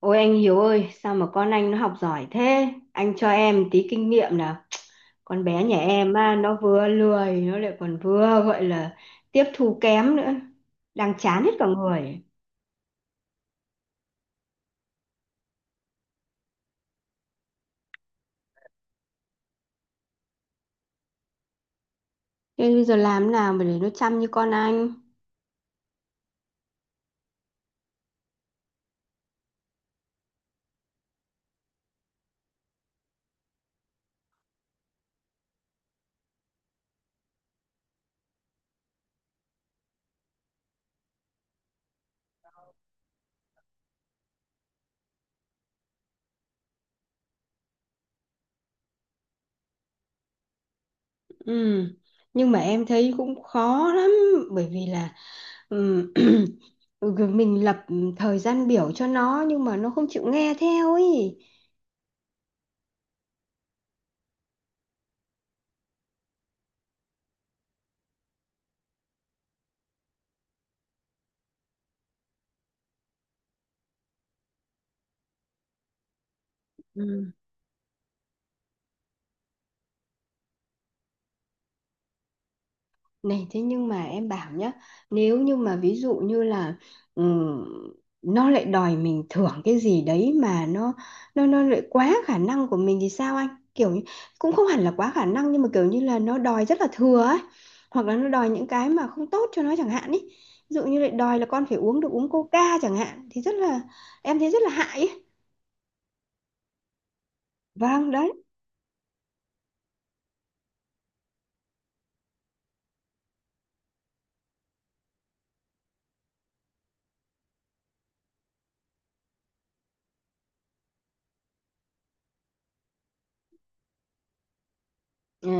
Ôi anh Hiếu ơi, sao mà con anh nó học giỏi thế? Anh cho em tí kinh nghiệm nào. Con bé nhà em á, nó vừa lười, nó lại còn vừa gọi là tiếp thu kém nữa. Đang chán hết cả người. Thế bây giờ làm thế nào mà để nó chăm như con anh? Ừ, nhưng mà em thấy cũng khó lắm. Bởi vì là ừm, mình lập thời gian biểu cho nó nhưng mà nó không chịu nghe theo ấy. Này thế nhưng mà em bảo nhá, nếu như mà ví dụ như là ừm, nó lại đòi mình thưởng cái gì đấy mà nó lại quá khả năng của mình thì sao anh? Kiểu như, cũng không hẳn là quá khả năng nhưng mà kiểu như là nó đòi rất là thừa ấy. Hoặc là nó đòi những cái mà không tốt cho nó chẳng hạn ý. Ví dụ như lại đòi là con phải uống được uống Coca chẳng hạn thì rất là em thấy rất là hại ý. Vâng đấy. Ừ.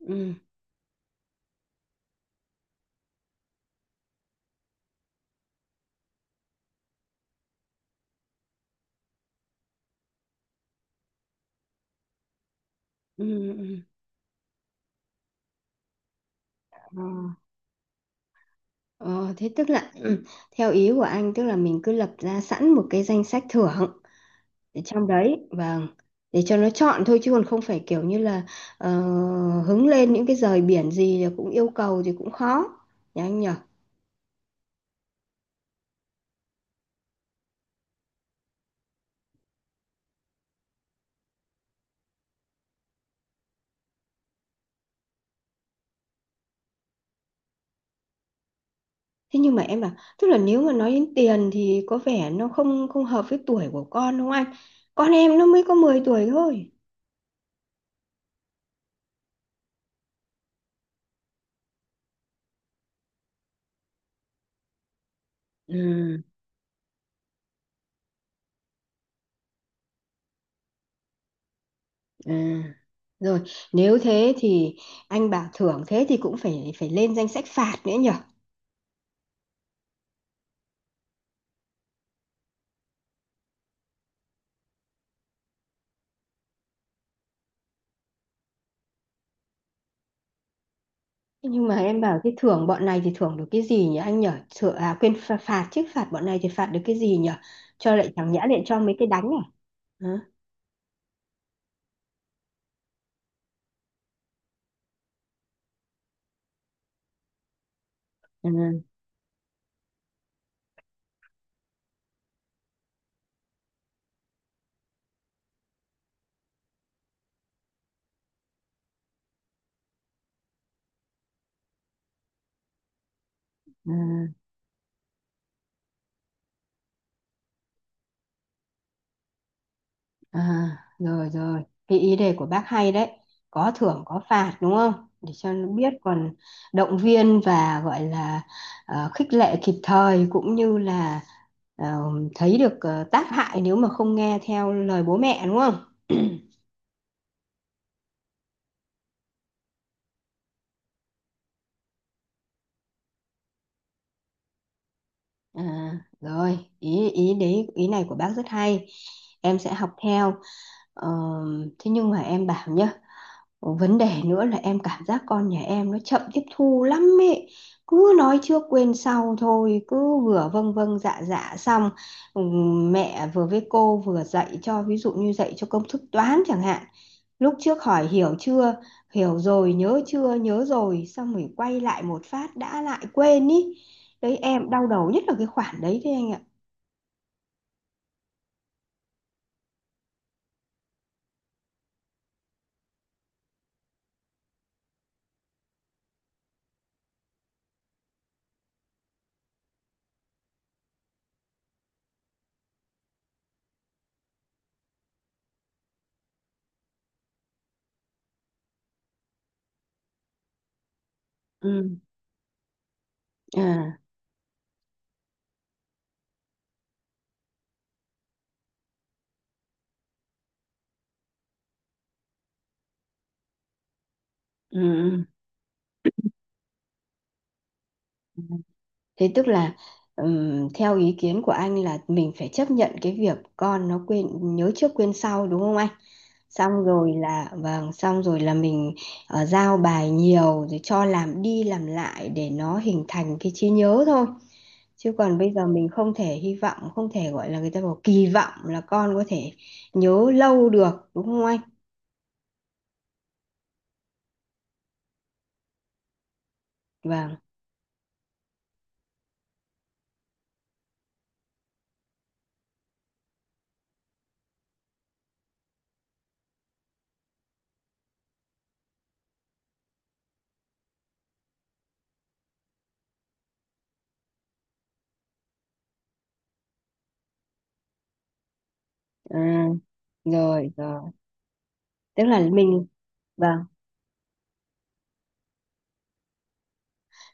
Ừ. Ừ. Ừ. Ờ, thế tức là ừ, theo ý của anh tức là mình cứ lập ra sẵn một cái danh sách thưởng để trong đấy, vâng, để cho nó chọn thôi chứ còn không phải kiểu như là ờ, hứng lên những cái rời biển gì là cũng yêu cầu thì cũng khó nhỉ anh nhỉ. Thế nhưng mà em bảo tức là nếu mà nói đến tiền thì có vẻ nó không không hợp với tuổi của con đúng không anh, con em nó mới có 10 tuổi thôi. Ừ, à. Rồi nếu thế thì anh bảo thưởng thế thì cũng phải phải lên danh sách phạt nữa nhỉ. Thế nhưng mà em bảo cái thưởng bọn này thì thưởng được cái gì nhỉ anh nhở? Thưởng à, quên, phạt, phạt chứ, phạt bọn này thì phạt được cái gì nhở? Cho lại chẳng nhẽ lại cho mấy cái đánh à? Hả? Ừ, ừ, à, rồi rồi, cái ý đề của bác hay đấy. Có thưởng có phạt đúng không? Để cho nó biết còn động viên và gọi là khích lệ kịp thời cũng như là ờ, thấy được tác hại nếu mà không nghe theo lời bố mẹ đúng không? À, rồi ý ý đấy, ý này của bác rất hay, em sẽ học theo. Ờ, thế nhưng mà em bảo nhá, vấn đề nữa là em cảm giác con nhà em nó chậm tiếp thu lắm ấy. Cứ nói trước quên sau thôi, cứ vừa vâng vâng dạ dạ xong mẹ vừa với cô vừa dạy cho ví dụ như dạy cho công thức toán chẳng hạn. Lúc trước hỏi hiểu chưa, hiểu rồi, nhớ chưa, nhớ rồi, xong rồi quay lại một phát đã lại quên ý. Đấy em đau đầu nhất là cái khoản đấy đấy anh ạ. Ừ. À, ừ. Ừ. Thế tức là theo ý kiến của anh là mình phải chấp nhận cái việc con nó quên, nhớ trước quên sau đúng không anh? Xong rồi là vâng, xong rồi là mình giao bài nhiều rồi cho làm đi làm lại để nó hình thành cái trí nhớ thôi. Chứ còn bây giờ mình không thể hy vọng, không thể gọi là người ta bảo kỳ vọng là con có thể nhớ lâu được đúng không anh? Vâng. Ừ, rồi rồi, tức là mình, vâng,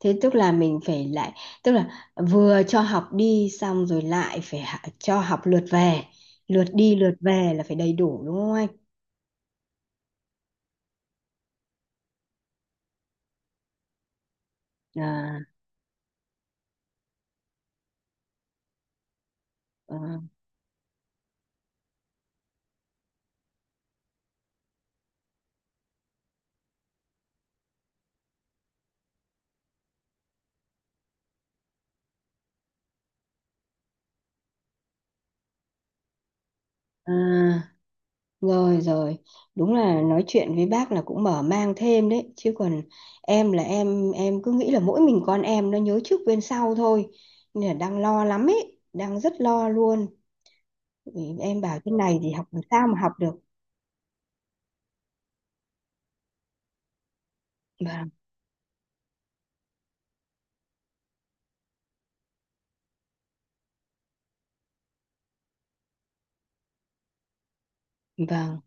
thế tức là mình phải lại, tức là vừa cho học đi xong rồi lại phải cho học lượt về, lượt đi lượt về là phải đầy đủ đúng không anh? À, à, à, rồi rồi, đúng là nói chuyện với bác là cũng mở mang thêm đấy chứ còn em là em cứ nghĩ là mỗi mình con em nó nhớ trước quên sau thôi nên là đang lo lắm ấy, đang rất lo luôn. Ừ, em bảo thế này thì học làm sao mà học được. Vâng vâng.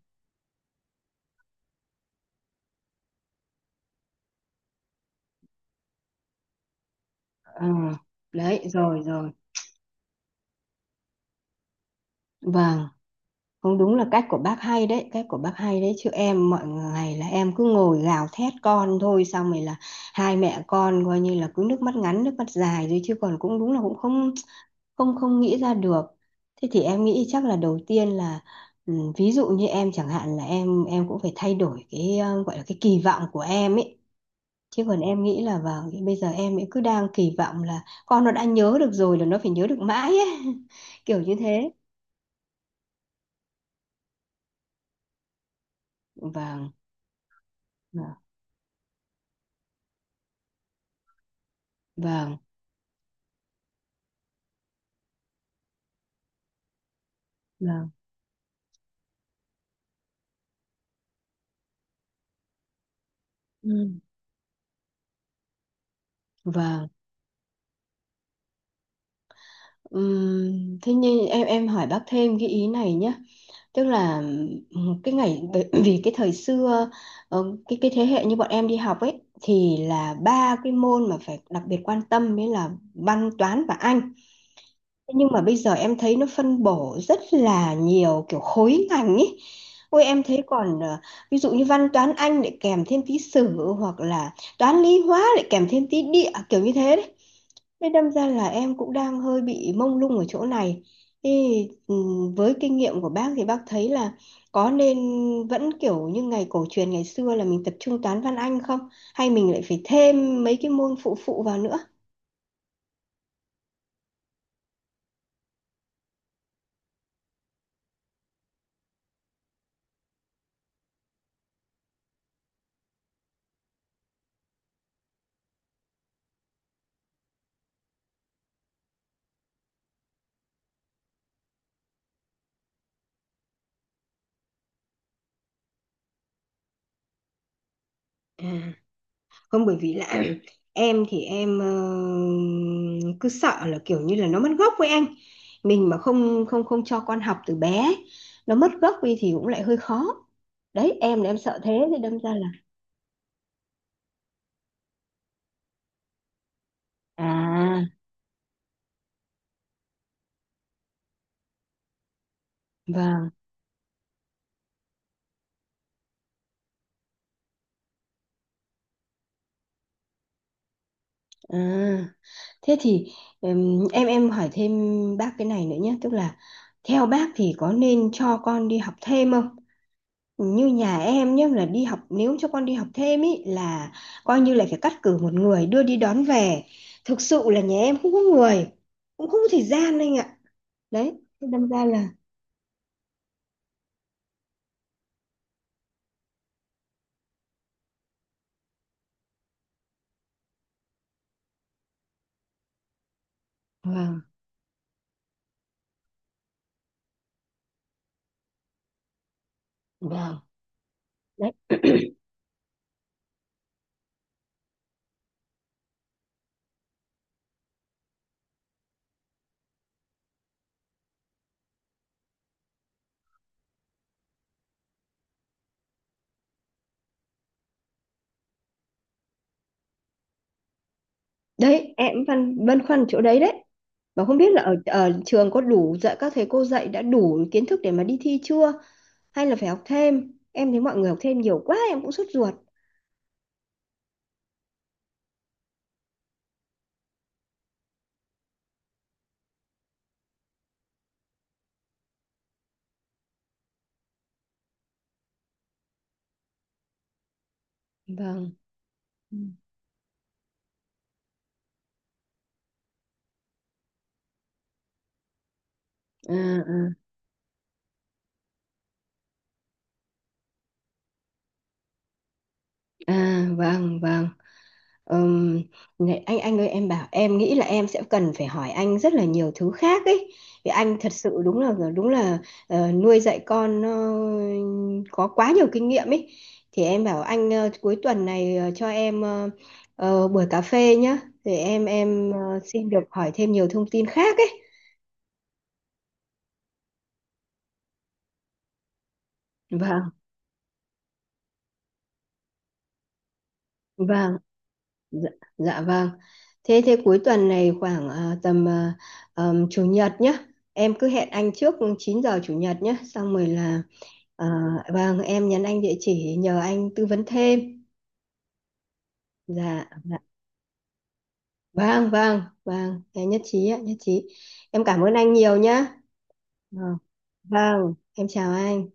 Ờ, đấy rồi rồi, vâng. Không, đúng là cách của bác hay đấy, cách của bác hay đấy, chứ em mọi ngày là em cứ ngồi gào thét con thôi xong rồi là hai mẹ con coi như là cứ nước mắt ngắn nước mắt dài rồi, chứ còn cũng đúng là cũng không không không nghĩ ra được. Thế thì em nghĩ chắc là đầu tiên là ừ, ví dụ như em chẳng hạn là em cũng phải thay đổi cái gọi là cái kỳ vọng của em ấy. Chứ còn em nghĩ là vào bây giờ em ấy cứ đang kỳ vọng là con nó đã nhớ được rồi là nó phải nhớ được mãi ấy. Kiểu như thế. Vâng, vâng, vâng. Vâng. Ừ. Và thế nhưng em hỏi bác thêm cái ý này nhé, tức là cái ngày bởi vì cái thời xưa cái thế hệ như bọn em đi học ấy thì là ba cái môn mà phải đặc biệt quan tâm mới là văn, toán và Anh. Thế nhưng mà bây giờ em thấy nó phân bổ rất là nhiều kiểu khối ngành ấy. Ôi em thấy còn ví dụ như văn toán Anh lại kèm thêm tí sử hoặc là toán lý hóa lại kèm thêm tí địa kiểu như thế đấy. Nên đâm ra là em cũng đang hơi bị mông lung ở chỗ này. Thì với kinh nghiệm của bác thì bác thấy là có nên vẫn kiểu như ngày cổ truyền ngày xưa là mình tập trung toán văn anh không? Hay mình lại phải thêm mấy cái môn phụ phụ vào nữa? À, không bởi vì là em thì em cứ sợ là kiểu như là nó mất gốc với anh, mình mà không không không cho con học từ bé, nó mất gốc đi thì cũng lại hơi khó. Đấy em là em sợ thế thì đâm ra là à, vâng. À, thế thì em hỏi thêm bác cái này nữa nhé, tức là theo bác thì có nên cho con đi học thêm không? Như nhà em nhé là đi học, nếu cho con đi học thêm ý là coi như là phải cắt cử một người đưa đi đón về. Thực sự là nhà em không có người, cũng không có thời gian anh ạ. Đấy, thế đâm ra là vâng, vâng. Đấy, đấy em phân băn khoăn chỗ đấy đấy. Và không biết là ở ở trường có đủ dạy các thầy cô dạy đã đủ kiến thức để mà đi thi chưa? Hay là phải học thêm, em thấy mọi người học thêm nhiều quá em cũng sốt ruột. Vâng. Ừ. À, à, à, vâng vâng. Ừm, này, anh ơi em bảo em nghĩ là em sẽ cần phải hỏi anh rất là nhiều thứ khác ấy vì anh thật sự đúng là nuôi dạy con nó có quá nhiều kinh nghiệm ấy. Thì em bảo anh cuối tuần này cho em buổi cà phê nhá, thì em xin được hỏi thêm nhiều thông tin khác ấy. Vâng vâng. Dạ, dạ vâng. Thế thế cuối tuần này khoảng à, tầm à, chủ nhật nhé. Em cứ hẹn anh trước 9 giờ chủ nhật nhé. Xong rồi là à, vâng em nhắn anh địa chỉ nhờ anh tư vấn thêm. Dạ, dạ. Vâng, vâng, vâng. Em nhất trí ạ, nhất trí. Em cảm ơn anh nhiều nhé. Vâng, vâng. Em chào anh.